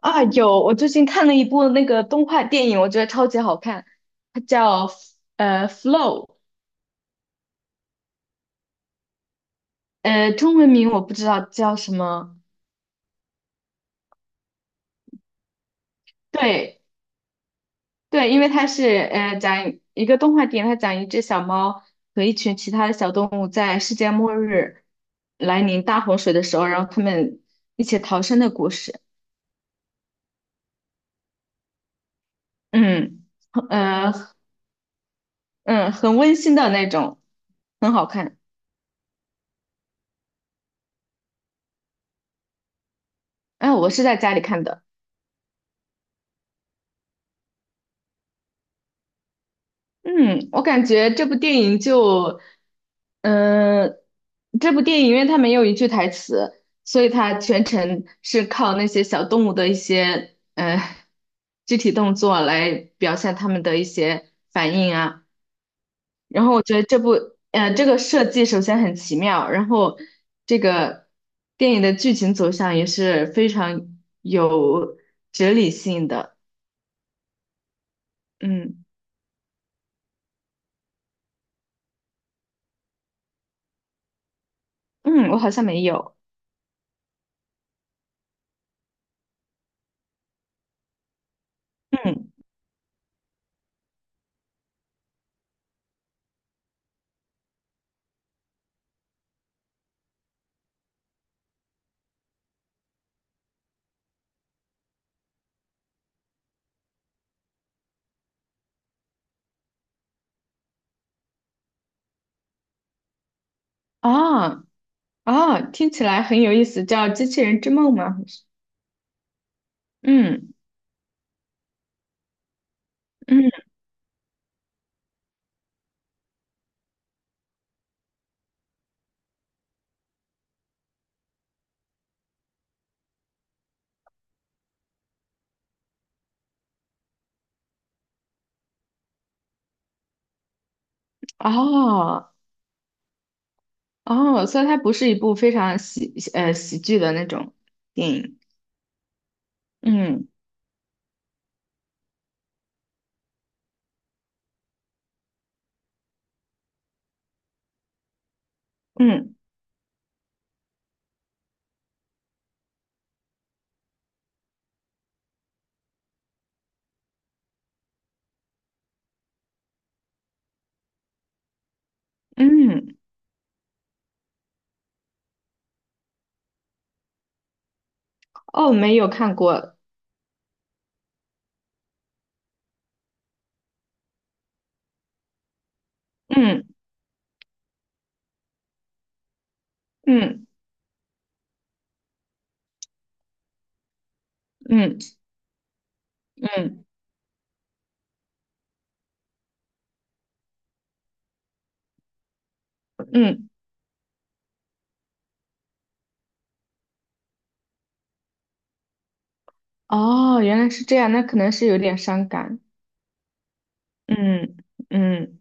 啊，有，我最近看了一部那个动画电影，我觉得超级好看，它叫《Flow》，中文名我不知道叫什么。对对，因为它是讲一个动画电影，它讲一只小猫和一群其他的小动物在世界末日来临大洪水的时候，然后他们一起逃生的故事。嗯，呃嗯，很温馨的那种，很好看。哎、我是在家里看的。嗯，我感觉这部电影就，嗯、这部电影因为它没有一句台词，所以它全程是靠那些小动物的一些肢体动作来表现它们的一些反应啊。然后我觉得这个设计首先很奇妙，然后这个电影的剧情走向也是非常有哲理性的。嗯嗯，我好像没有。嗯啊。哦哦，听起来很有意思，叫《机器人之梦》吗？好像是。嗯嗯，哦哦，所以它不是一部非常喜剧的那种电影。嗯嗯嗯，哦，没有看过。嗯嗯嗯嗯嗯，哦，原来是这样，那可能是有点伤感。嗯嗯，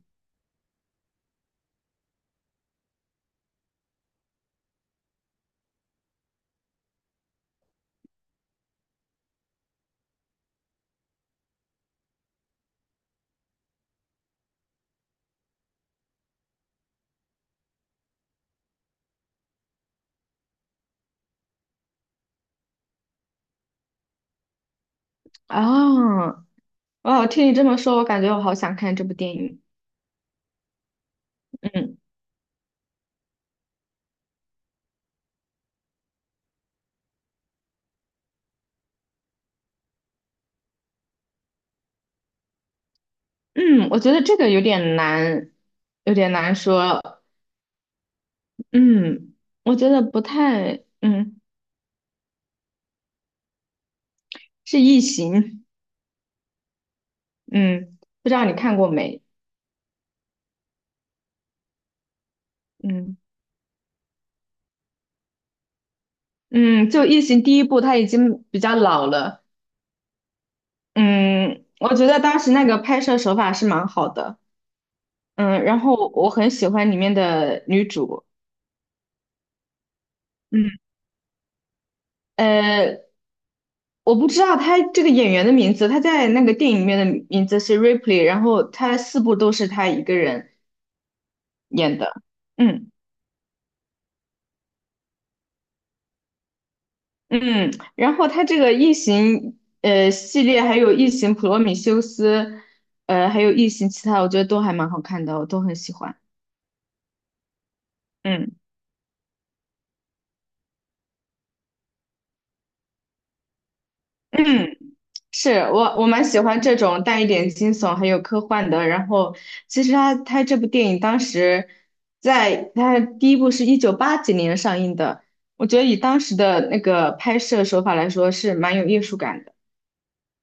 哦哦，听你这么说，我感觉我好想看这部电影。嗯嗯，我觉得这个有点难，有点难说。嗯，我觉得不太，是《异形》，嗯，不知道你看过没？嗯嗯，就《异形》第一部，它已经比较老了，嗯，我觉得当时那个拍摄手法是蛮好的，然后我很喜欢里面的女主，嗯，呃，我不知道她这个演员的名字，她在那个电影里面的名字是 Ripley，然后她四部都是她一个人演的，嗯。嗯，然后它这个异形系列，还有异形普罗米修斯，还有异形其他，我觉得都还蛮好看的，我都很喜欢。嗯嗯，是，我蛮喜欢这种带一点惊悚还有科幻的。然后其实他这部电影当时在他第一部是198几年上映的，我觉得以当时的那个拍摄手法来说是蛮有艺术感的。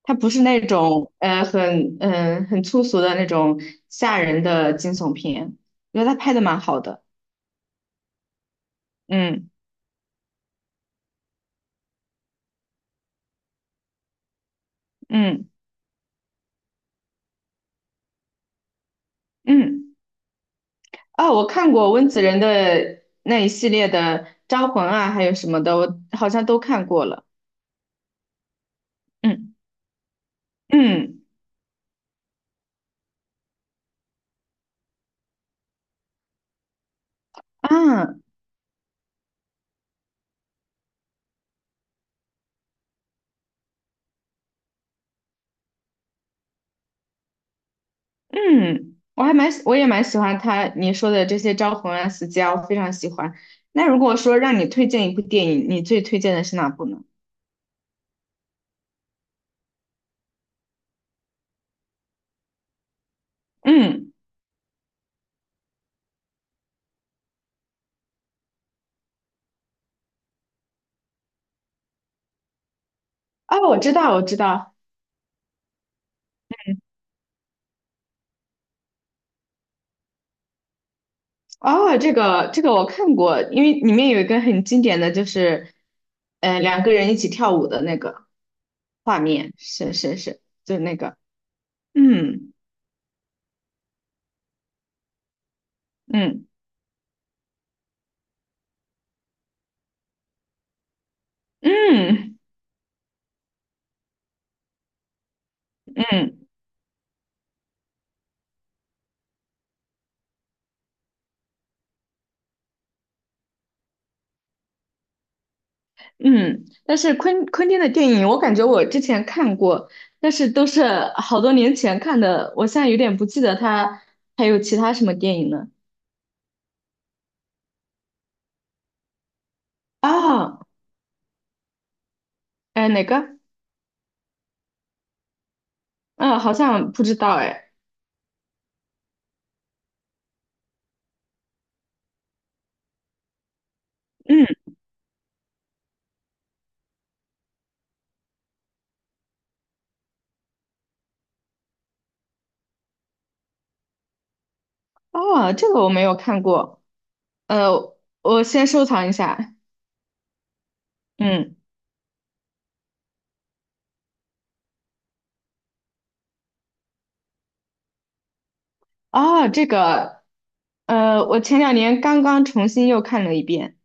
它不是那种很粗俗的那种吓人的惊悚片，我觉得他拍的蛮好的。嗯嗯嗯，啊，我看过温子仁的那一系列的《招魂》啊，还有什么的，我好像都看过了。嗯嗯啊嗯，我也蛮喜欢他你说的这些《招魂》啊、《死寂》啊我非常喜欢。那如果说让你推荐一部电影，你最推荐的是哪部呢？嗯，哦，我知道，我知道。哦，这个我看过，因为里面有一个很经典的就是，两个人一起跳舞的那个画面，是是是，就是那个，嗯嗯嗯嗯嗯。但是昆汀的电影，我感觉我之前看过，但是都是好多年前看的，我现在有点不记得他还有其他什么电影呢。啊，哎，哪个？嗯，好像不知道哎。嗯哦，这个我没有看过，呃，我先收藏一下。嗯，哦，这个，我前两年刚刚重新又看了一遍。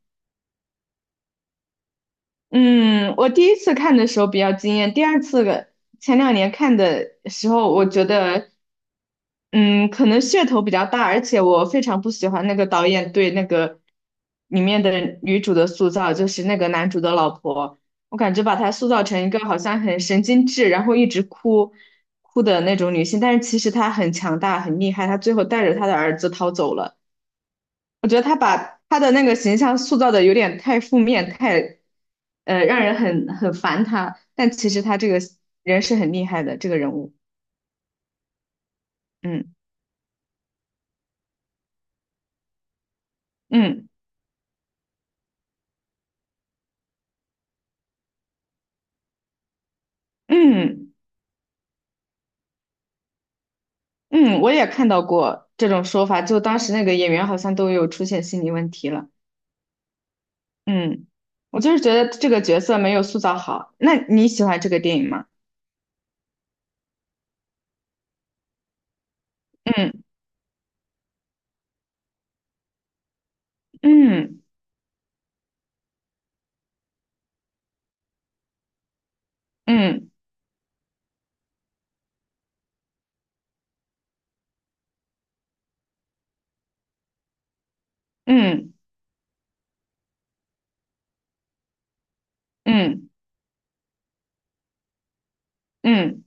嗯，我第一次看的时候比较惊艳，第二次个前两年看的时候，我觉得，嗯，可能噱头比较大，而且我非常不喜欢那个导演对那个里面的女主的塑造，就是那个男主的老婆，我感觉把她塑造成一个好像很神经质，然后一直哭的那种女性，但是其实她很强大、很厉害，她最后带着她的儿子逃走了。我觉得他把他的那个形象塑造的有点太负面，太让人很烦他。但其实他这个人是很厉害的，这个人物，嗯嗯嗯嗯，我也看到过这种说法，就当时那个演员好像都有出现心理问题了。嗯，我就是觉得这个角色没有塑造好。那你喜欢这个电影吗？嗯嗯嗯嗯嗯嗯嗯。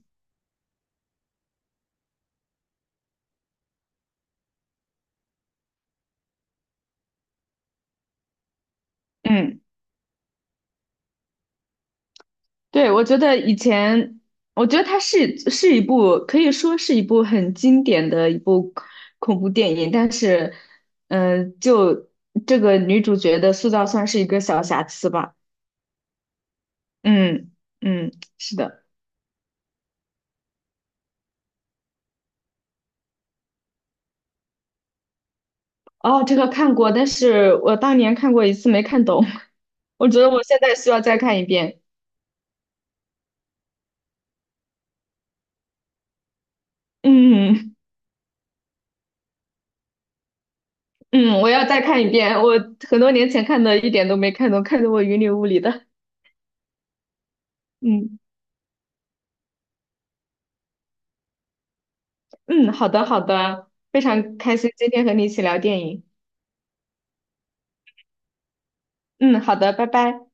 嗯对，我觉得以前，我觉得它是一部可以说是一部很经典的一部恐怖电影，但是，就这个女主角的塑造算是一个小瑕疵吧。嗯嗯，是的。哦，这个看过，但是我当年看过一次没看懂，我觉得我现在需要再看一遍。嗯嗯，我要再看一遍，我很多年前看的，一点都没看懂，看得我云里雾里的。嗯。嗯，好的，好的，非常开心今天和你一起聊电影。嗯，好的，拜拜。